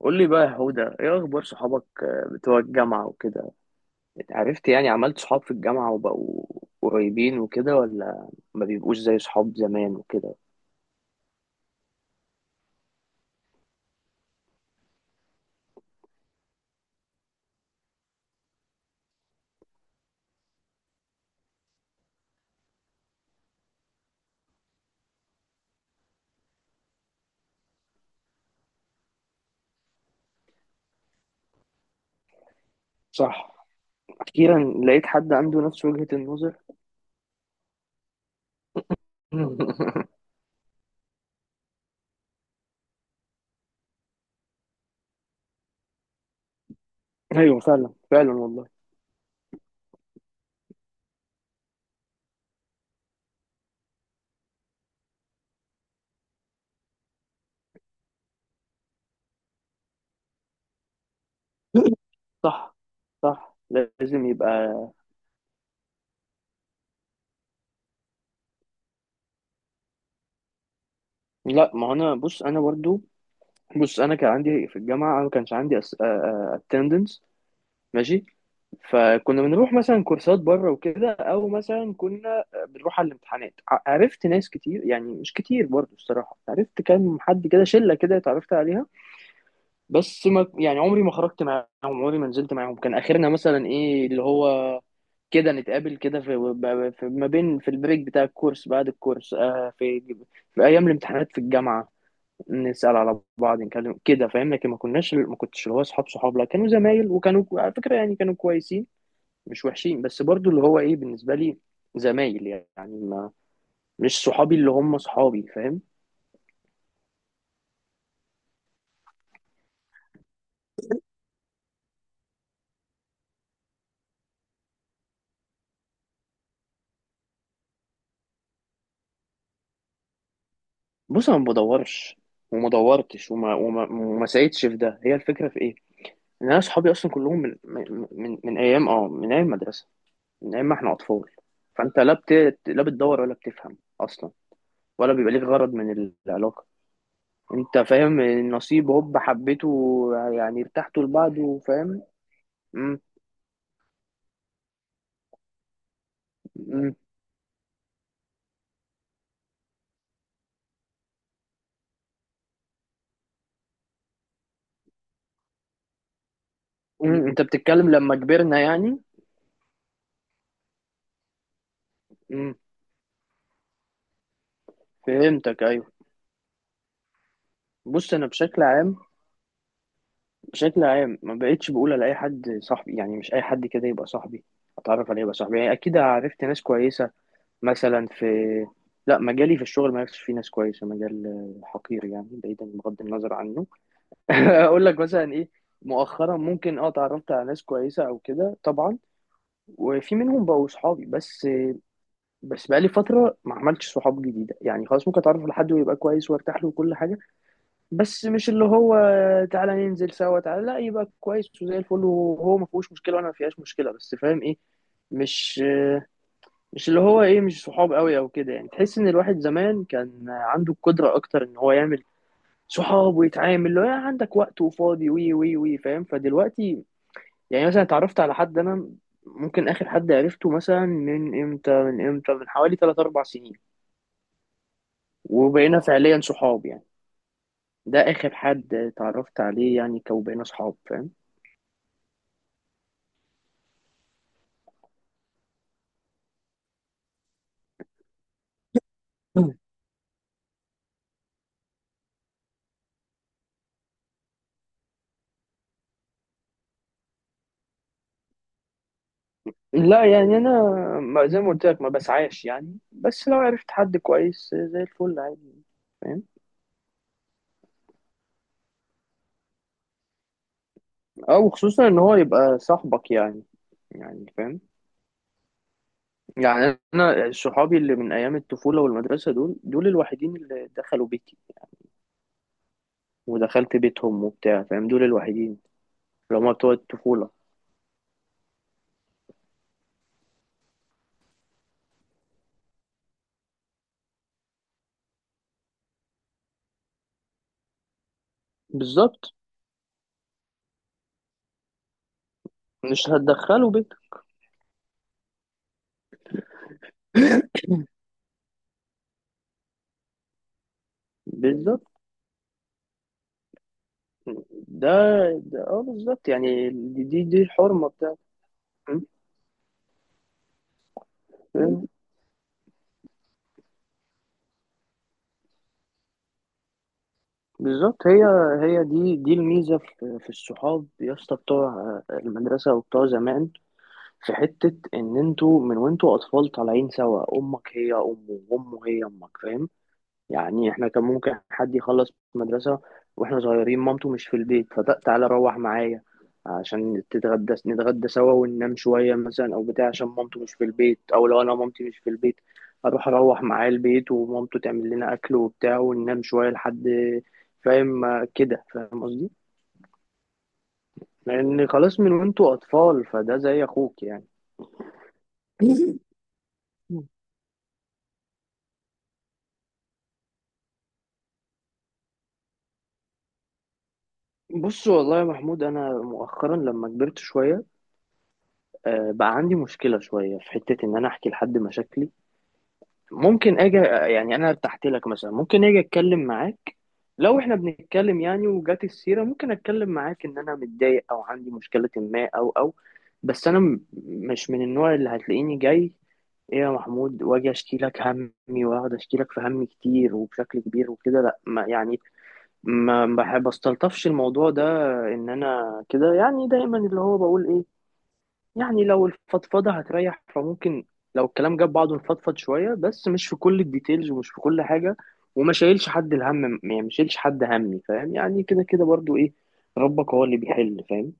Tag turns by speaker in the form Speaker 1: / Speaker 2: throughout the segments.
Speaker 1: قول لي بقى يا هدى، ايه اخبار صحابك، آه، بتوع الجامعة وكده؟ اتعرفت؟ يعني عملت صحاب في الجامعة وبقوا قريبين وكده، ولا ما بيبقوش زي صحاب زمان وكده؟ صح. اخيرا لقيت حد عنده نفس وجهة النظر. ايوه، فعلا فعلا والله. صح. صح، لازم يبقى. لا، ما هو انا، بص انا برضو، بص انا كان عندي في الجامعة، انا ما كانش عندي attendance. ماشي. فكنا بنروح مثلا كورسات بره وكده، او مثلا كنا بنروح على الامتحانات. عرفت ناس كتير، يعني مش كتير برضو الصراحه، عرفت كام حد كده، شله كده اتعرفت عليها. بس ما، يعني عمري ما خرجت معاهم، عمري ما نزلت معاهم. كان اخرنا مثلا ايه اللي هو كده، نتقابل كده في ما بين، في البريك بتاع الكورس، بعد الكورس، آه، في ايام الامتحانات في الجامعه، نسال على بعض، نتكلم كده، فاهم؟ لكن ما كنتش اللي هو اصحاب صحاب، لا، كانوا زمايل، وكانوا على فكره يعني كانوا كويسين، مش وحشين. بس برضو اللي هو ايه، بالنسبه لي زمايل، يعني ما، مش صحابي اللي هم صحابي، فاهم؟ بص انا ما بدورش، وما دورتش وما سعيتش في ده. هي الفكره في ايه، ان انا صحابي اصلا كلهم من ايام، من ايام المدرسه، من ايام ما احنا اطفال. فانت لا، لا بتدور ولا بتفهم اصلا، ولا بيبقى ليك غرض من العلاقه. انت فاهم، النصيب هوب حبيته. يعني ارتحتوا لبعض وفاهم. مم. مم. مم. انت بتتكلم لما كبرنا يعني. فهمتك، ايوه. بص انا بشكل عام، بشكل عام ما بقتش بقول على اي حد صاحبي، يعني مش اي حد كده يبقى صاحبي، اتعرف عليه يبقى صاحبي. يعني اكيد عرفت ناس كويسه مثلا، لا مجالي في الشغل ما عرفتش فيه ناس كويسه، مجال حقير يعني، بعيدا، بغض النظر عنه. اقول لك مثلا ايه، مؤخرا ممكن، اتعرفت على ناس كويسه او كده طبعا، وفي منهم بقوا صحابي. بس بس بقالي فتره ما عملتش صحاب جديده، يعني خلاص ممكن اتعرف على حد ويبقى كويس وارتاح له وكل حاجه، بس مش اللي هو تعالى ننزل سوا. لا، يبقى كويس وزي الفل وهو ما فيهوش مشكله وانا ما فيهاش مشكله، بس فاهم ايه، مش مش اللي هو ايه، مش صحاب قوي او كده. يعني تحس ان الواحد زمان كان عنده القدره اكتر ان هو يعمل صحاب ويتعامل، اللي هو يعني عندك وقت وفاضي وي وي وي فاهم. فدلوقتي يعني مثلا اتعرفت على حد انا، ممكن اخر حد عرفته مثلا من امتى، من امتى، من حوالي 3 4 سنين وبقينا فعليا صحاب. يعني ده اخر حد اتعرفت عليه يعني، كوبقينا صحاب، فاهم؟ لا يعني انا زي ما قلت لك ما بسعاش يعني، بس لو عرفت حد كويس زي الفل عادي، فاهم؟ او خصوصا ان هو يبقى صاحبك يعني، يعني فاهم. يعني انا صحابي اللي من ايام الطفوله والمدرسه، دول دول الوحيدين اللي دخلوا بيتي ودخلت بيتهم وبتاع، فاهم؟ دول الوحيدين اللي هما بتوع الطفوله. بالظبط، مش هتدخلوا بيت. بالظبط. ده, ده، بالظبط. يعني دي الحرمه بتاعتك. بالظبط. هي دي الميزه في الصحاب يا اسطى، بتوع آه، المدرسه وبتوع زمان، في حته ان انتوا من وانتوا اطفال طالعين سوا، امك هي امه وامه هي امك، فاهم؟ يعني احنا كان ممكن حد يخلص مدرسة واحنا صغيرين، مامته مش في البيت، فتعالى روح معايا عشان تتغدى، نتغدى سوا وننام شوية مثلا، أو بتاع، عشان مامته مش في البيت، أو لو أنا مامتي مش في البيت أروح معاه البيت ومامته تعمل لنا أكل وبتاع، وننام شوية لحد، فاهم؟ آه، كده، فاهم قصدي؟ لأن خلاص، من وأنتوا أطفال فده زي أخوك يعني. بص والله يا محمود، أنا مؤخرا لما كبرت شوية، آه، بقى عندي مشكلة شوية في حتة إن أنا أحكي لحد مشاكلي. ممكن أجي، يعني أنا ارتحت لك مثلا، ممكن أجي أتكلم معاك. لو إحنا بنتكلم يعني وجات السيرة ممكن أتكلم معاك إن أنا متضايق أو عندي مشكلة ما، أو. بس أنا مش من النوع اللي هتلاقيني جاي إيه يا محمود، وأجي أشكي لك همي وأقعد أشكي لك في همي كتير وبشكل كبير وكده. لأ، ما يعني ما بحب استلطفش الموضوع ده، إن أنا كده. يعني دايما اللي هو بقول إيه، يعني لو الفضفضة هتريح فممكن، لو الكلام جاب بعضه نفضفض شوية، بس مش في كل الديتيلز ومش في كل حاجة، وما شايلش حد الهم، يعني ما شايلش حد همي، فاهم؟ يعني كده كده برضو ايه، ربك هو اللي بيحل، فاهم؟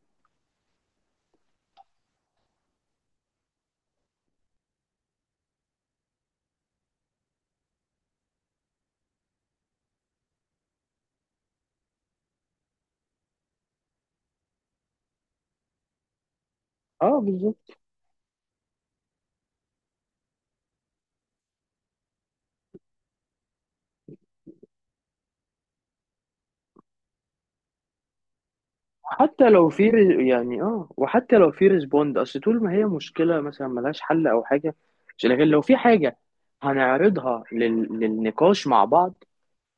Speaker 1: اه، بالظبط. حتى لو في وحتى لو في ريسبوند، اصل طول ما هي مشكلة مثلا ملهاش حل او حاجة. لكن لو في حاجة هنعرضها للنقاش مع بعض،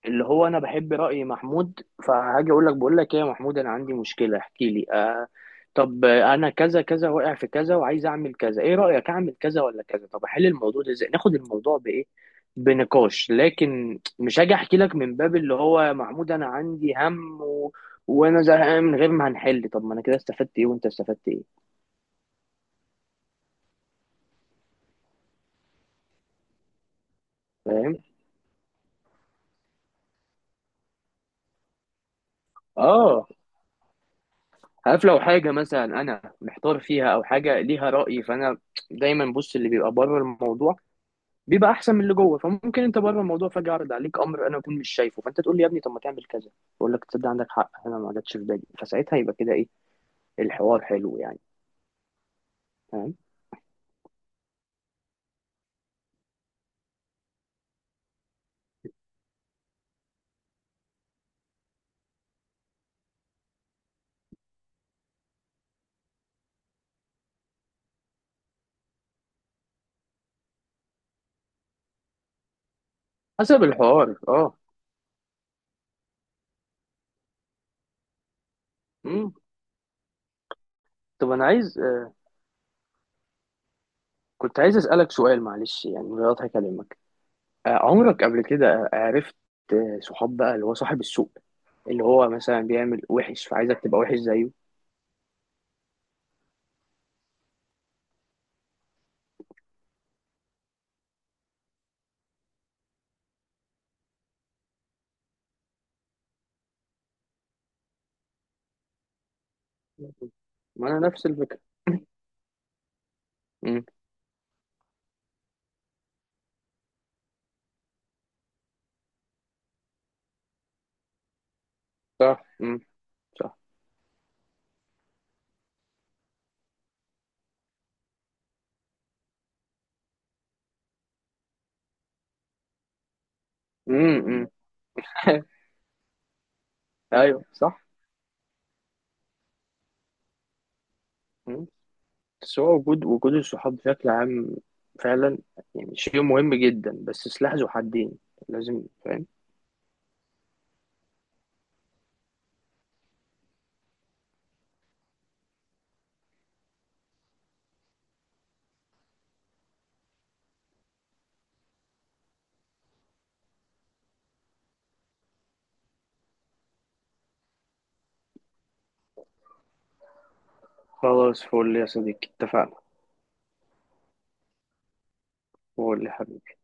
Speaker 1: اللي هو انا بحب رأي محمود، فهاجي اقول لك بقول لك ايه يا محمود، انا عندي مشكلة احكي لي آه. طب انا كذا كذا واقع في كذا وعايز اعمل كذا، ايه رأيك اعمل كذا ولا كذا؟ طب احل الموضوع ده ازاي، ناخد الموضوع بايه، بنقاش. لكن مش هاجي احكي لك من باب اللي هو يا محمود انا عندي هم و... وانا زهقان من غير ما هنحل. طب ما انا كده استفدت ايه وانت استفدت ايه؟ فاهم؟ اه، عارف، لو حاجة مثلا انا محتار فيها او حاجة ليها رأي، فانا دايما، بص، اللي بيبقى بره الموضوع بيبقى احسن من اللي جوه. فممكن انت بره الموضوع، فجاه يعرض عليك امر انا اكون مش شايفه، فانت تقول لي يا ابني طب ما تعمل كذا. اقول لك تصدق عندك حق، انا ما جاتش في بالي. فساعتها يبقى كده ايه، الحوار حلو يعني، فاهم؟ حسب الحوار، اه. امم. طب انا عايز، كنت عايز اسالك سؤال معلش، يعني من غير اكلمك، آه، عمرك قبل كده عرفت آه، صحاب بقى اللي هو صاحب السوق، اللي هو مثلا بيعمل وحش فعايزك تبقى وحش زيه؟ ما انا نفس الفكره. امم. صح. امم. صح. امم. أمم. ايوه، صح. بس هو وجود، الصحاب بشكل عام فعلا يعني شيء مهم جدا، بس سلاح ذو حدين، لازم، فاهم؟ خلاص، فول يا صديقي، اتفقنا. قول لي حبيبي.